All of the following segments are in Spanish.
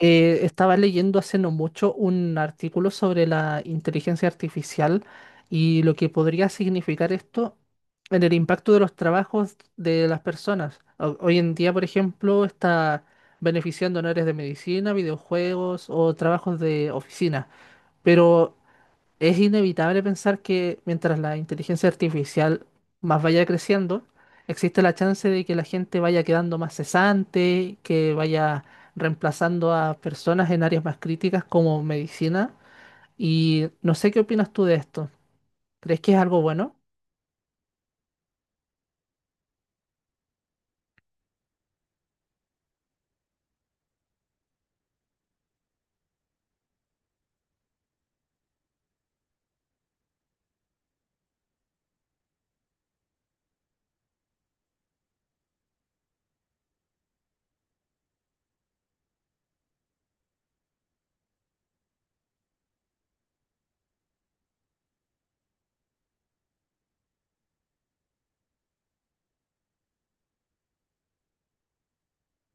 Estaba leyendo hace no mucho un artículo sobre la inteligencia artificial y lo que podría significar esto en el impacto de los trabajos de las personas. Hoy en día, por ejemplo, está beneficiando en áreas de medicina, videojuegos o trabajos de oficina, pero es inevitable pensar que mientras la inteligencia artificial más vaya creciendo, existe la chance de que la gente vaya quedando más cesante, que vaya reemplazando a personas en áreas más críticas como medicina. Y no sé qué opinas tú de esto. ¿Crees que es algo bueno?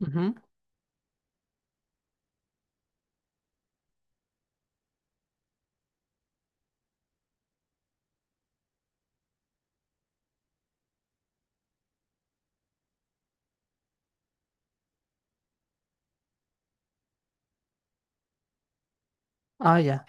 Ujú. Ah, ya,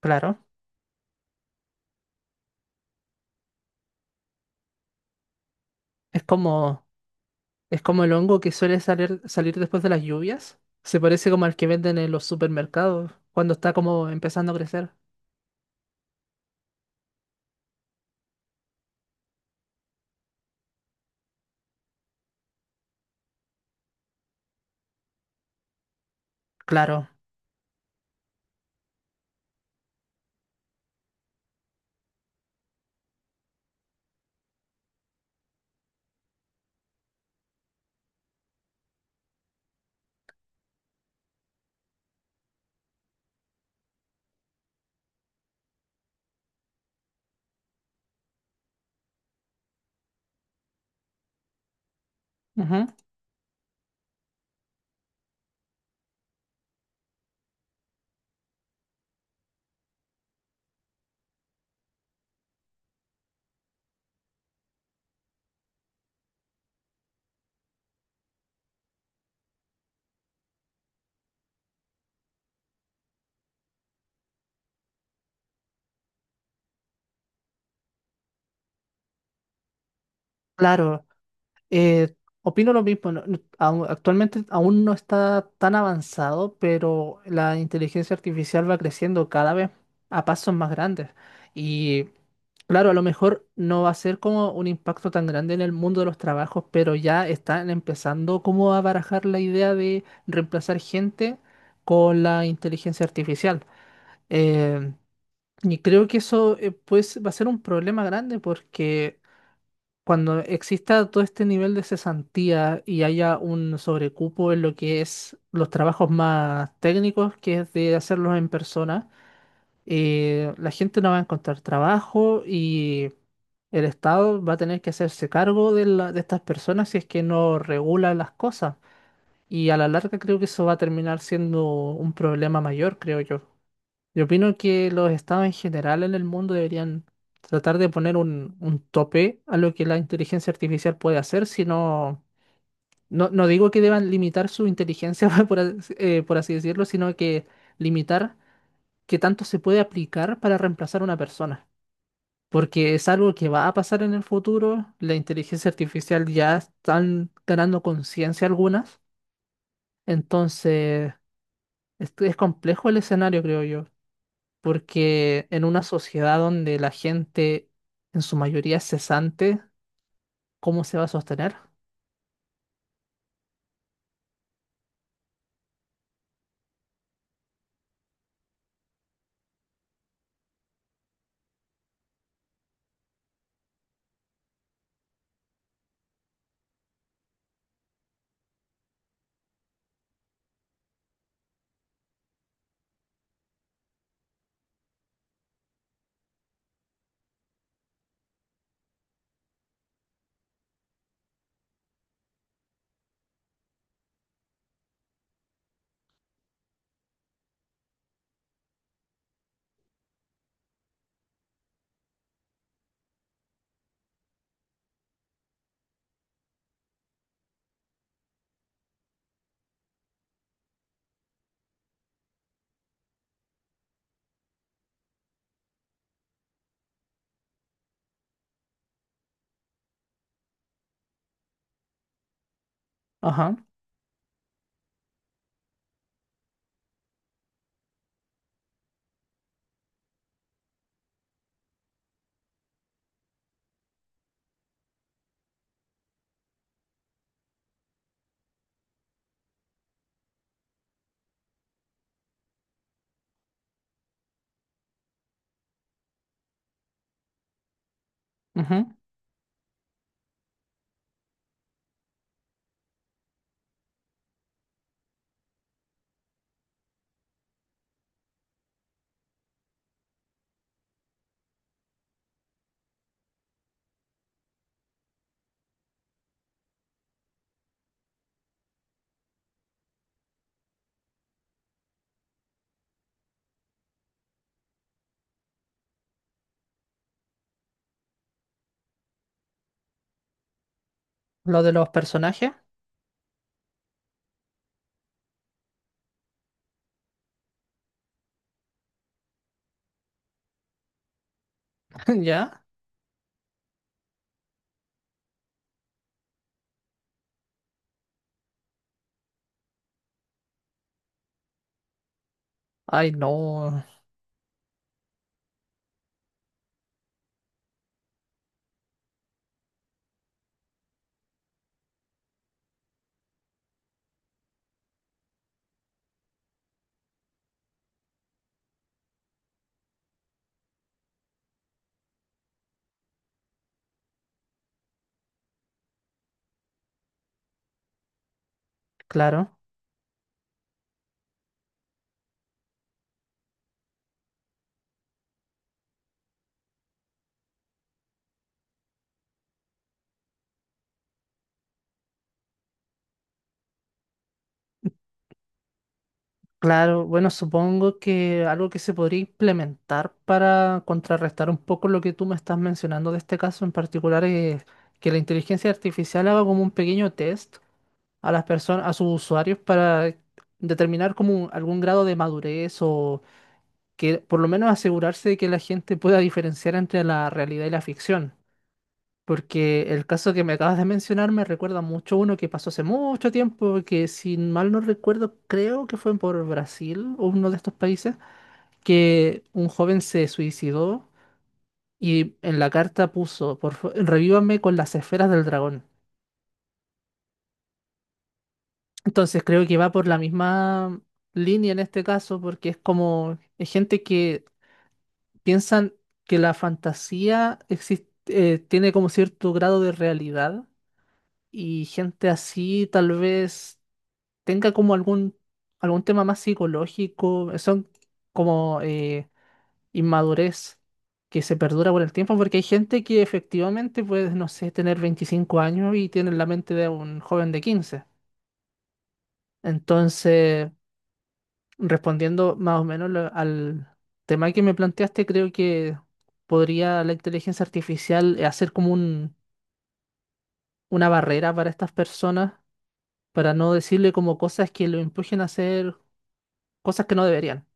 claro. Es como, es como el hongo que suele salir después de las lluvias. Se parece como al que venden en los supermercados cuando está como empezando a crecer. Claro. Ujú. Claro. Eh, Opino lo mismo. Actualmente aún no está tan avanzado, pero la inteligencia artificial va creciendo cada vez a pasos más grandes. Y claro, a lo mejor no va a ser como un impacto tan grande en el mundo de los trabajos, pero ya están empezando como a barajar la idea de reemplazar gente con la inteligencia artificial. Eh, y creo que eso pues va a ser un problema grande porque cuando exista todo este nivel de cesantía y haya un sobrecupo en lo que es los trabajos más técnicos, que es de hacerlos en persona, la gente no va a encontrar trabajo y el Estado va a tener que hacerse cargo de estas personas si es que no regula las cosas. Y a la larga creo que eso va a terminar siendo un problema mayor, creo yo. Yo opino que los estados en general en el mundo deberían tratar de poner un tope a lo que la inteligencia artificial puede hacer, sino, no digo que deban limitar su inteligencia, por así decirlo, sino que limitar qué tanto se puede aplicar para reemplazar a una persona. Porque es algo que va a pasar en el futuro, la inteligencia artificial ya están ganando conciencia algunas, entonces es complejo el escenario, creo yo. Porque en una sociedad donde la gente en su mayoría es cesante, ¿cómo se va a sostener? Ajá. Ujú. Lo de los personajes. ¿Ya? Ay, no. Claro. Claro. Bueno, supongo que algo que se podría implementar para contrarrestar un poco lo que tú me estás mencionando de este caso en particular es que la inteligencia artificial haga como un pequeño test a las personas, a sus usuarios para determinar algún grado de madurez o que por lo menos asegurarse de que la gente pueda diferenciar entre la realidad y la ficción. Porque el caso que me acabas de mencionar me recuerda mucho uno que pasó hace mucho tiempo, que si mal no recuerdo, creo que fue por Brasil o uno de estos países, que un joven se suicidó y en la carta puso, revívame con las esferas del dragón. Entonces creo que va por la misma línea en este caso, porque es como es gente que piensan que la fantasía existe, tiene como cierto grado de realidad y gente así tal vez tenga como algún tema más psicológico, son como inmadurez que se perdura por el tiempo, porque hay gente que efectivamente puede, no sé, tener 25 años y tiene la mente de un joven de 15. Entonces, respondiendo más o menos al tema que me planteaste, creo que podría la inteligencia artificial hacer una barrera para estas personas, para no decirle como cosas que lo empujen a hacer cosas que no deberían.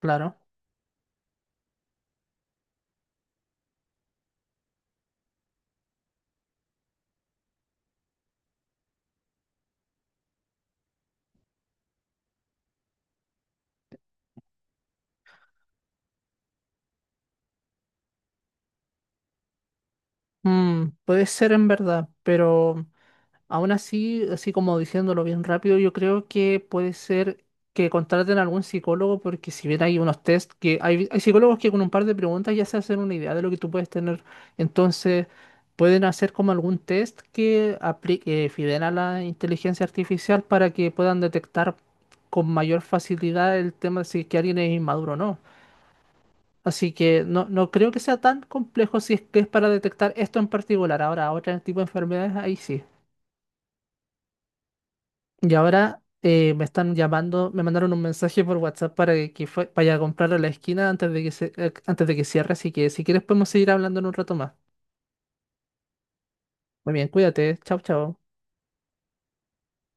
Claro. Mm, puede ser en verdad, pero aún así, así como diciéndolo bien rápido, yo creo que puede ser que contraten a algún psicólogo porque si bien hay unos test que hay psicólogos que con un par de preguntas ya se hacen una idea de lo que tú puedes tener, entonces pueden hacer como algún test que aplique, fidel a la inteligencia artificial para que puedan detectar con mayor facilidad el tema de si que alguien es inmaduro o no. Así que no creo que sea tan complejo si es que es para detectar esto en particular. Ahora, otro tipo de enfermedades, ahí sí. Y ahora me están llamando, me mandaron un mensaje por WhatsApp para que vaya a comprar a la esquina antes de que antes de que cierre, así que si quieres podemos seguir hablando en un rato más. Muy bien, cuídate, chao, chao.